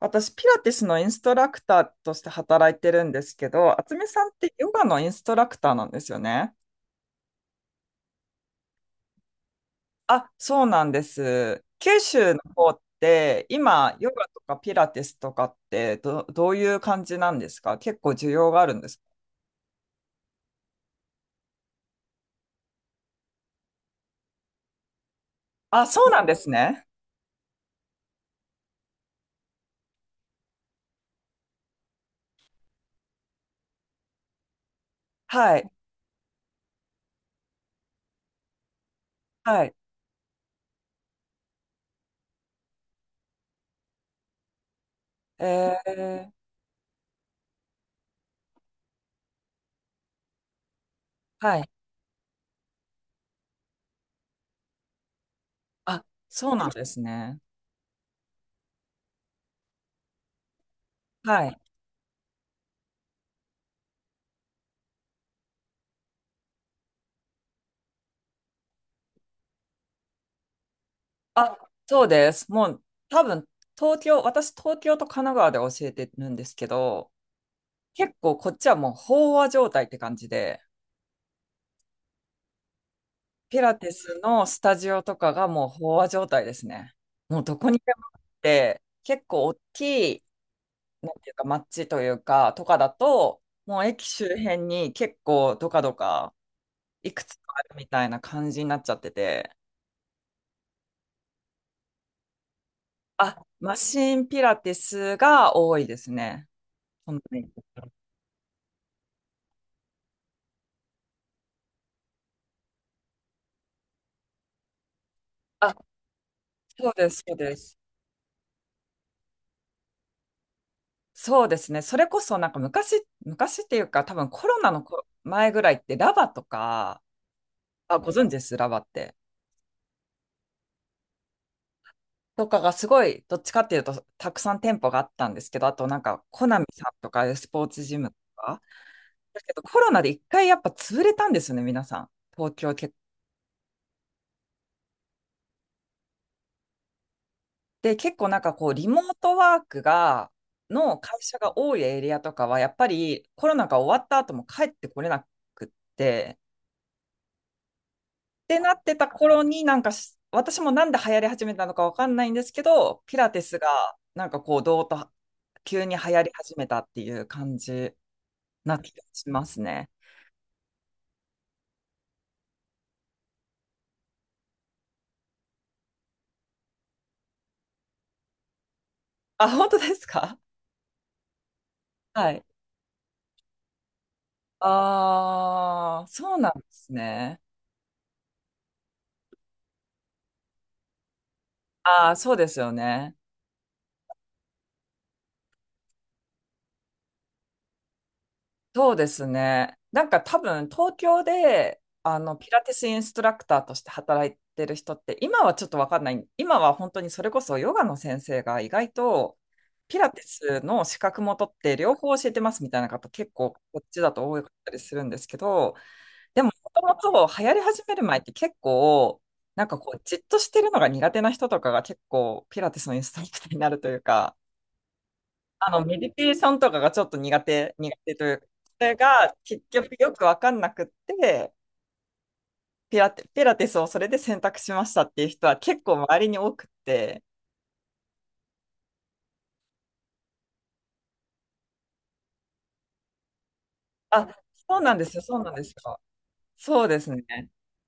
私、ピラティスのインストラクターとして働いてるんですけど、渥美さんってヨガのインストラクターなんですよね。あ、そうなんです。九州の方って、今、ヨガとかピラティスとかってどういう感じなんですか？結構需要があるんですか？あ、そうなんですね。はい。はい。えー、はい。あ、そうなんですね。はい。あ、そうです。もう、多分、東京、私、東京と神奈川で教えてるんですけど、結構こっちはもう飽和状態って感じで、ピラティスのスタジオとかがもう飽和状態ですね。もうどこにでもあって、結構大きい、なんていうか、街というか、とかだと、もう駅周辺に結構どかどかいくつかあるみたいな感じになっちゃってて、あ、マシンピラティスが多いですね。本当に。あ、そうです、そうです。そうですね。それこそなんか昔、昔っていうか多分コロナのこ前ぐらいってラバとか、あ、ご存知です、ラバって？とかがすごい、どっちかっていうとたくさん店舗があったんですけど、あとなんかコナミさんとかスポーツジムとか。だけどコロナで一回やっぱ潰れたんですよね、皆さん。東京結で、結構なんかこうリモートワークが、の会社が多いエリアとかはやっぱりコロナが終わった後も帰ってこれなくって、ってなってた頃になんかし私もなんで流行り始めたのかわかんないんですけどピラティスがなんかこうどうと急に流行り始めたっていう感じな気がしますね。あ、本当ですか？はい。ああ、そうなんですね。ああ、そうですよね。そうですね。多分東京であのピラティスインストラクターとして働いてる人って今はちょっとわかんない。今は本当にそれこそヨガの先生が意外とピラティスの資格も取って両方教えてますみたいな方結構こっちだと多かったりするんですけど、でももともと流行り始める前って結構こうじっとしてるのが苦手な人とかが結構ピラティスのインストラクターになるというか、メディテーションとかがちょっと苦手、苦手というか、それが結局よくわかんなくって、ピラティスをそれで選択しましたっていう人は結構周りに多くって、あ、そうなんですよ、そうなんですよ。そうですね。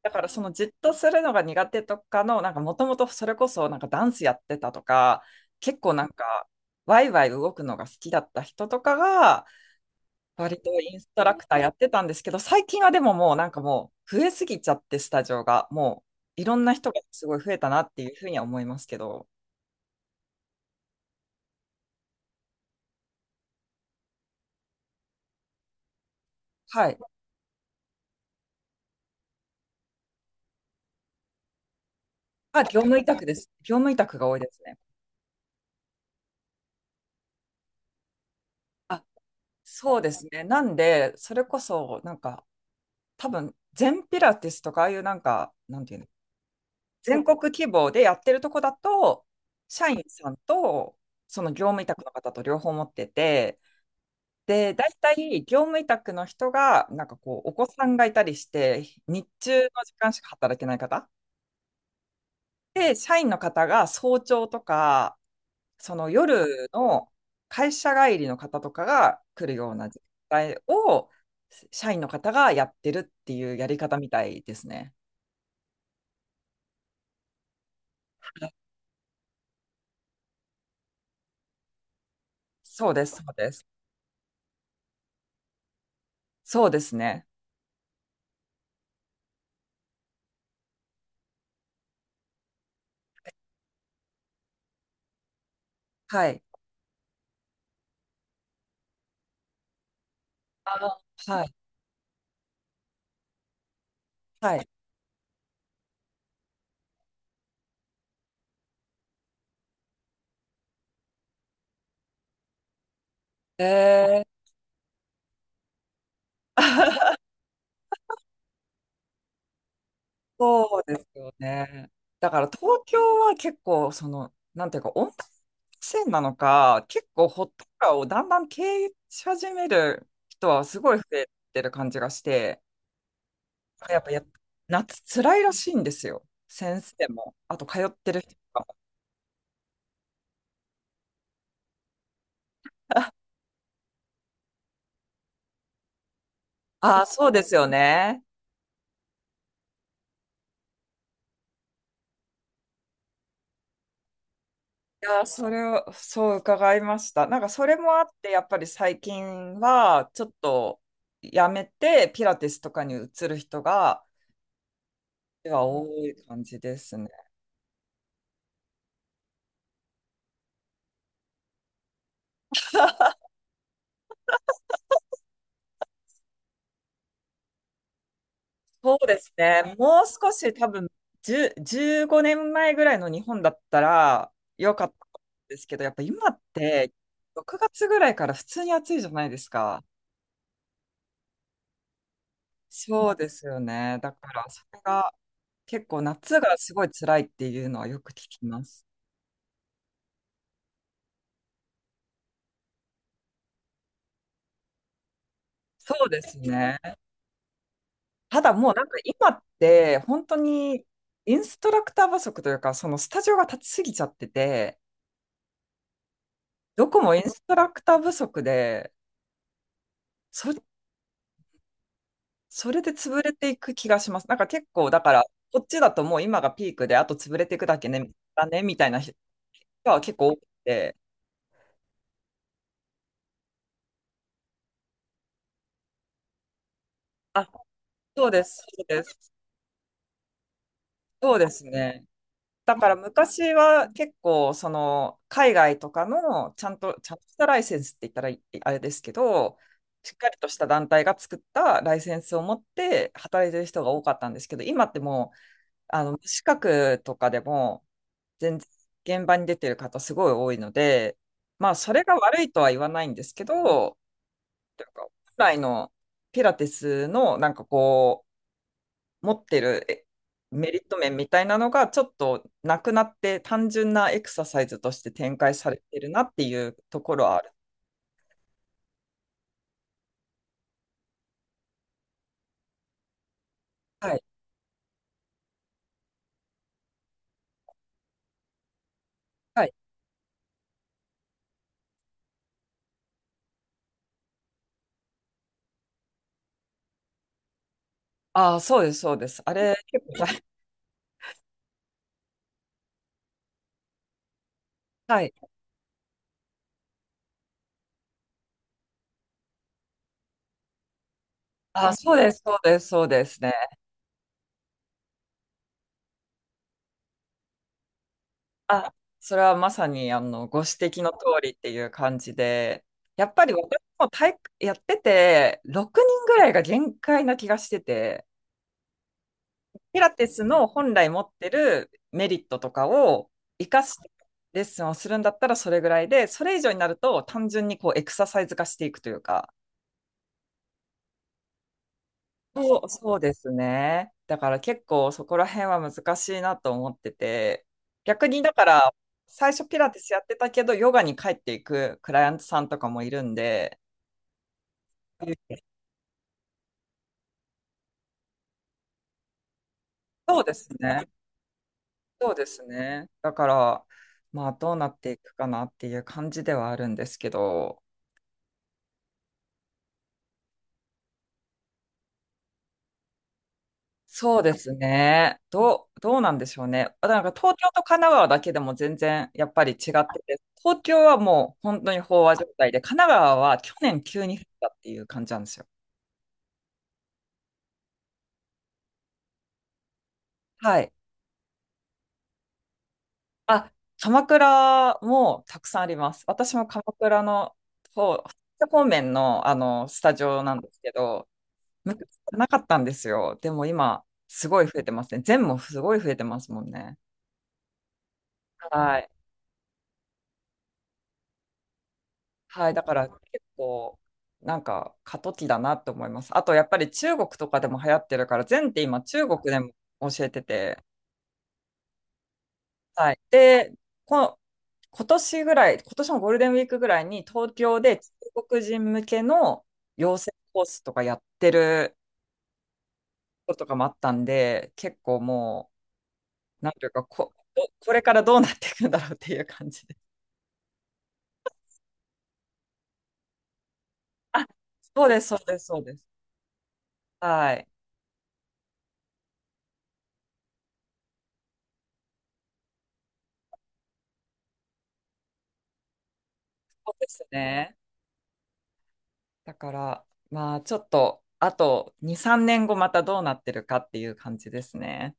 だからそのじっとするのが苦手とかの、もともとそれこそなんかダンスやってたとか、結構なんかワイワイ動くのが好きだった人とかが、割とインストラクターやってたんですけど、最近はでももうなんかもう増えすぎちゃって、スタジオが。もういろんな人がすごい増えたなっていうふうには思いますけど。はい。あ、業務委託です。業務委託が多いですね。あ、そうですね。なんで、それこそなんか多分全ピラティスとかああいうなんか、なんていうの、全国規模でやってるとこだと、社員さんとその業務委託の方と両方持ってて、で、大体業務委託の人が、なんかこう、お子さんがいたりして、日中の時間しか働けない方。で、社員の方が早朝とか、その夜の会社帰りの方とかが来るような時間帯を、社員の方がやってるっていうやり方みたいですね。そうです、そうです。そうですね。はい。あの、はい、はい。えーそうですよね。だから東京は結構、その、なんていうか、温帯線なのか、結構ホットカーをだんだん経営し始める人はすごい増えてる感じがして、やっぱや、夏辛いらしいんですよ。先生も、あと通ってる人も。ああ、そうですよね。いやー、それを、そう伺いました。なんかそれもあって、やっぱり最近は、ちょっとやめて、ピラティスとかに移る人が、が多い感じですね。そうですね。もう少し多分、10、15年前ぐらいの日本だったら良かったんですけど、やっぱ今って6月ぐらいから普通に暑いじゃないですか。そうですよね。だから、それが結構夏がすごい辛いっていうのはよく聞きます。そうですね。ただもうなんか今って本当にインストラクター不足というか、そのスタジオが立ちすぎちゃってて、どこもインストラクター不足で、そ、それで潰れていく気がします。なんか結構、だから、こっちだともう今がピークで、あと潰れていくだけね、だね、みたいな人は結構多くて、あ、そうです、そうです、そうですね。だから昔は結構、その、海外とかの、ちゃんと、ちゃんとしたライセンスって言ったらいあれですけど、しっかりとした団体が作ったライセンスを持って働いてる人が多かったんですけど、今ってもう、無資格とかでも、全然現場に出てる方すごい多いので、まあそれが悪いとは言わないんですけど、なんか本来のピラティスのなんかこう持ってるメリット面みたいなのがちょっとなくなって単純なエクササイズとして展開されてるなっていうところはある。はい。はい。ああ、そうです、そうです。あれ、結構大、はい。ああ、そうです、そうです、そうですね。あ、それはまさにあのご指摘の通りっていう感じで、やっぱり私も体育やってて、6人ぐらいが限界な気がしてて、ピラティスの本来持ってるメリットとかを生かしてレッスンをするんだったらそれぐらいで、それ以上になると単純にこうエクササイズ化していくというか、そう、そうですね。だから結構そこら辺は難しいなと思ってて、逆にだから最初ピラティスやってたけど、ヨガに帰っていくクライアントさんとかもいるんで、そうですね。そうですね。だから、まあどうなっていくかなっていう感じではあるんですけど、そうですね。どうなんでしょうね。あなんか東京と神奈川だけでも全然やっぱり違ってて、東京はもう本当に飽和状態で、神奈川は去年急に降ったっていう感じなんですよ。はい。あ、鎌倉もたくさんあります。私も鎌倉の方、方面の、あのスタジオなんですけど、昔はなかったんですよ。でも今、すごい増えてますね。全もすごい増えてますもんね。はい。はい、だから結構なんか過渡期だなって思います。あとやっぱり中国とかでも流行ってるから、前って今中国でも教えてて、はい。で、この今年ぐらい、今年のゴールデンウィークぐらいに東京で中国人向けの養成コースとかやってることとかもあったんで、結構もう、なんていうか、これからどうなっていくんだろうっていう感じで。あ、そうです、そうです、そうです。はい。そうですね。だから、まあ、ちょっと、あと2、3年後またどうなってるかっていう感じですね。